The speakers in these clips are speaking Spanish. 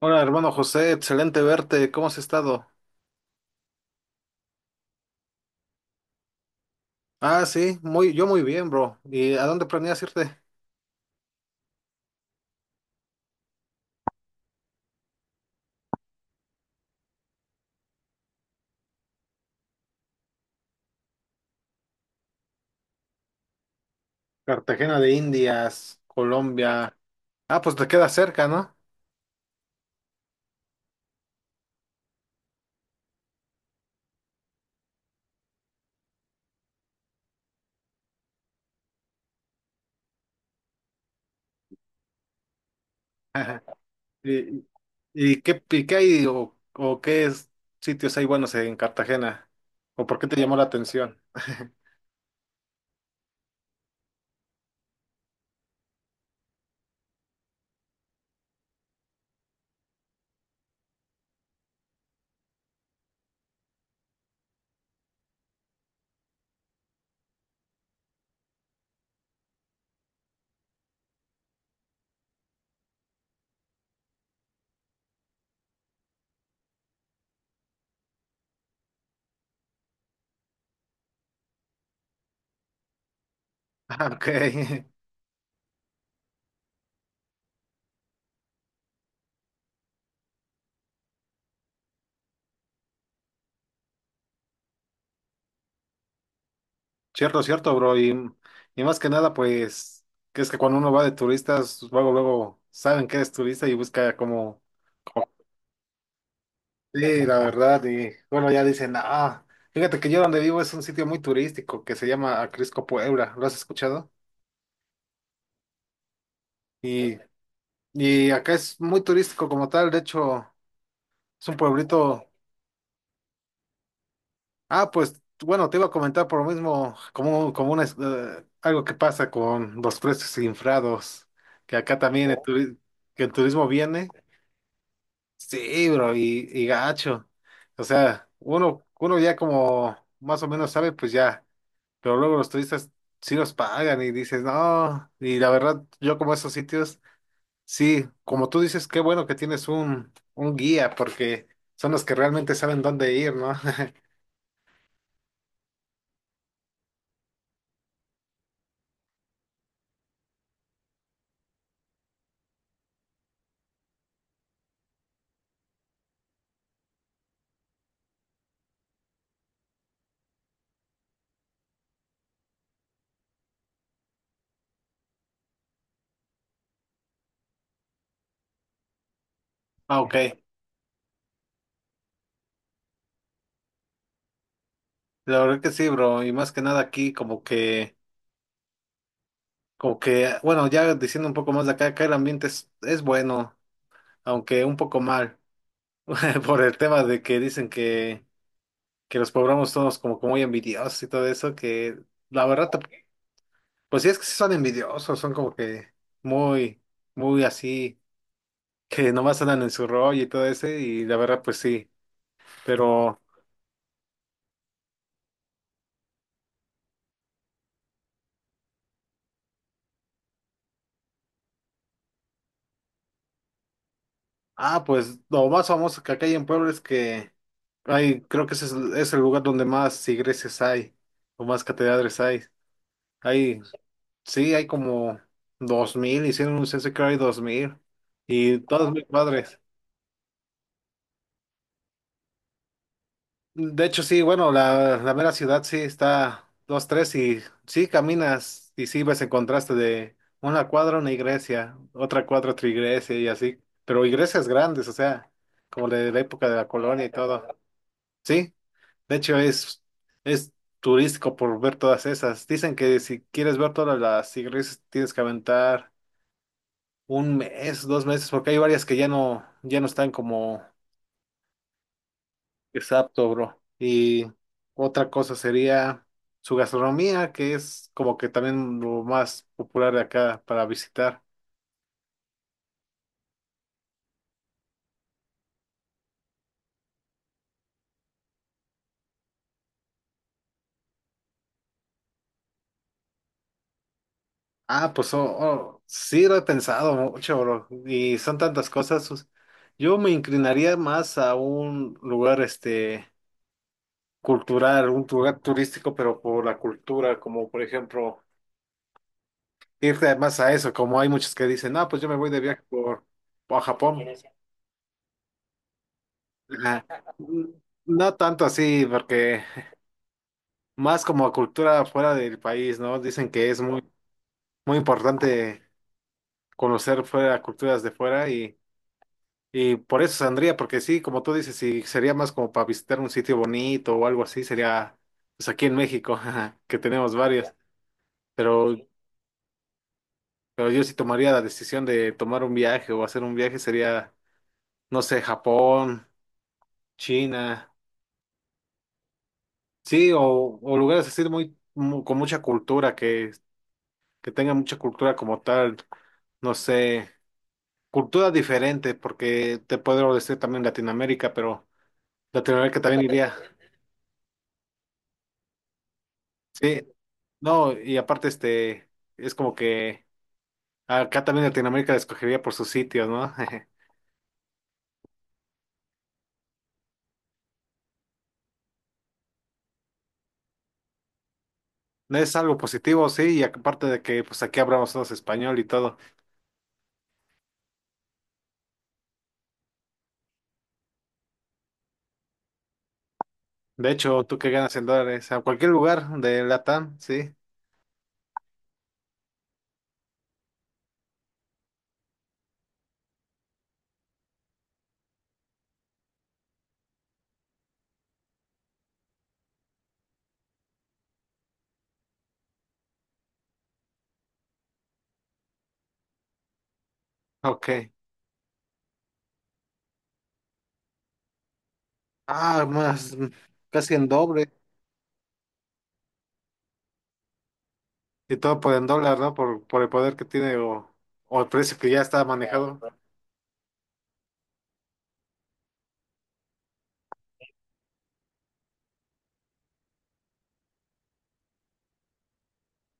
Hola, hermano José, excelente verte. ¿Cómo has estado? Yo muy bien, bro. ¿Y a dónde planeas irte? Cartagena de Indias, Colombia. Ah, pues te queda cerca, ¿no? ¿Y, y qué hay o sitios hay buenos en Cartagena? ¿O por qué te llamó la atención? Ah, ok. Cierto, cierto, bro. Y más que nada, pues, que cuando uno va de turistas, luego, luego saben que eres turista y busca como, sí, la verdad, y bueno, ya dicen, ah, fíjate que yo donde vivo es un sitio muy turístico que se llama Acrisco Puebla, ¿lo has escuchado? Y, y acá es muy turístico como tal. De hecho, es un pueblito. Ah, pues, bueno, te iba a comentar por lo mismo, algo que pasa con los precios infrados, que acá también oh, que el turismo viene. Sí, bro, y gacho, o sea, uno ya como más o menos sabe, pues ya. Pero luego los turistas sí los pagan y dices, no, y la verdad, yo como esos sitios. Sí, como tú dices, qué bueno que tienes un guía, porque son los que realmente saben dónde ir, ¿no? Ah, ok. La verdad que sí, bro, y más que nada aquí, como que, bueno, ya diciendo un poco más de acá, acá el ambiente es bueno, aunque un poco mal, por el tema de que dicen que los poblanos somos como, como muy envidiosos y todo eso, que la verdad pues sí, es que sí son envidiosos, son como que muy, muy así, que nomás andan en su rollo y todo ese, y la verdad, pues sí. Pero, ah, pues lo más famoso que acá hay en Puebla es que hay, creo que es el lugar donde más iglesias hay, o más catedrales hay. Hay, sí, hay como 2000, hicieron un censo y creo hay 2000, y todas muy padres. De hecho, sí, bueno, la mera ciudad sí está dos, tres y sí caminas y sí ves el contraste de una cuadra, una iglesia, otra cuadra, otra iglesia y así, pero iglesias grandes, o sea, como de la época de la colonia y todo. Sí, de hecho es turístico por ver todas esas. Dicen que si quieres ver todas las iglesias tienes que aventar un mes, dos meses, porque hay varias que ya no están como... Exacto, bro. Y otra cosa sería su gastronomía, que es como que también lo más popular de acá para visitar. Ah, sí lo he pensado mucho, bro. Y son tantas cosas. Yo me inclinaría más a un lugar este cultural, un lugar turístico, pero por la cultura, como por ejemplo, irte más a eso, como hay muchos que dicen, ah, pues yo me voy de viaje por Japón. Ajá. No tanto así, porque más como cultura fuera del país, ¿no? Dicen que es muy, muy importante conocer fuera culturas de fuera, y por eso saldría, porque sí, como tú dices, si sería más como para visitar un sitio bonito o algo así, sería pues aquí en México, jaja, que tenemos varios, pero, pero yo sí tomaría la decisión de tomar un viaje o hacer un viaje, sería, no sé, Japón, China, sí, o lugares así muy, con mucha cultura, que tengan mucha cultura como tal, no sé. Cultura diferente, porque te puedo decir también Latinoamérica, pero Latinoamérica también iría. Sí, no, y aparte, este, es como que acá también Latinoamérica la escogería por sus sitios, ¿no? No es algo positivo, sí, y aparte de que, pues aquí hablamos todos español y todo. De hecho, tú que ganas en dólares, a cualquier lugar de Latam, sí. Ok. Ah, más, mm, casi en doble. Y todo por en dólar, ¿no? Por el poder que tiene, o el precio que ya está manejado.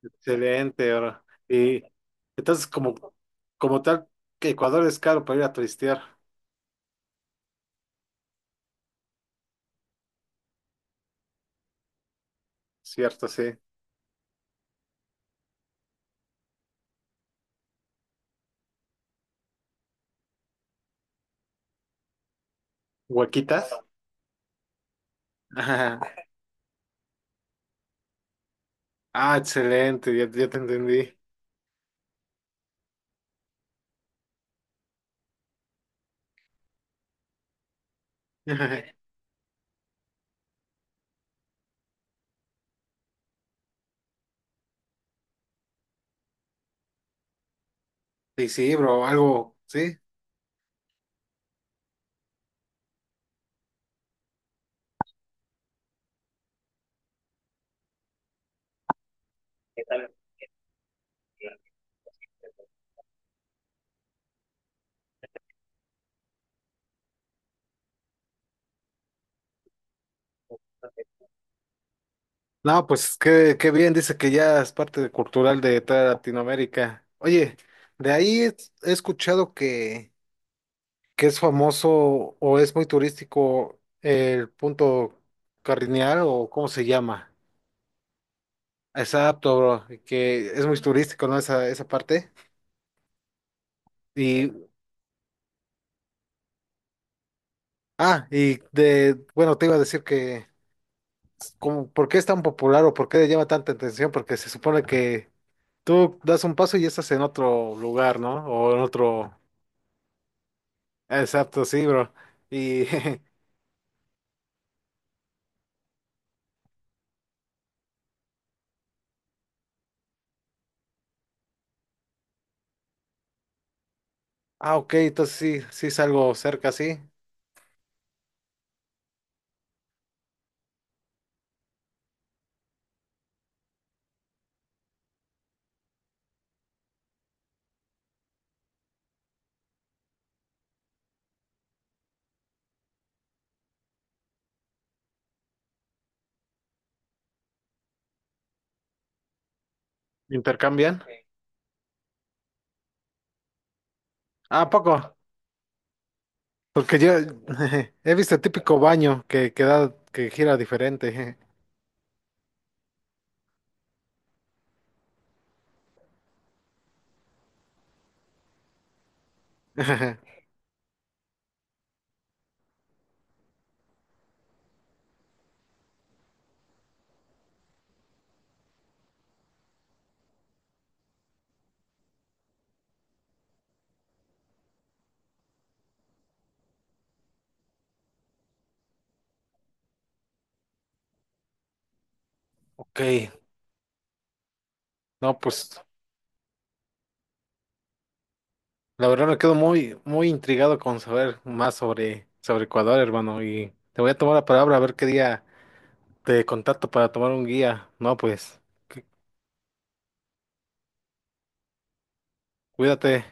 Excelente, bro. Y entonces, como, como tal, que Ecuador es caro para ir a turistear, ¿cierto? Sí. ¿Huequitas? Ajá. Ah, excelente, ya, ya te entendí. Ajá. Sí, sí, bro, algo, sí. No, pues qué, qué bien, dice que ya es parte de- cultural de toda Latinoamérica. Oye, de ahí he escuchado que es famoso o es muy turístico el punto Carriñal o cómo se llama. Exacto, bro, que es muy turístico, ¿no? Esa parte. Y, ah, y de, bueno, te iba a decir que, como, ¿por qué es tan popular o por qué le llama tanta atención? Porque se supone que tú das un paso y estás en otro lugar, ¿no? O en otro, exacto, sí, bro. Y, ah, ok, entonces sí, sí es algo cerca, sí. ¿Intercambian? Sí. Ah, ¿a poco? Porque yo he visto el típico baño que da, que gira diferente. Ok, no, pues. La verdad me quedo muy, muy intrigado con saber más sobre, sobre Ecuador, hermano, y te voy a tomar la palabra a ver qué día te contacto para tomar un guía. No, pues, cu- cuídate.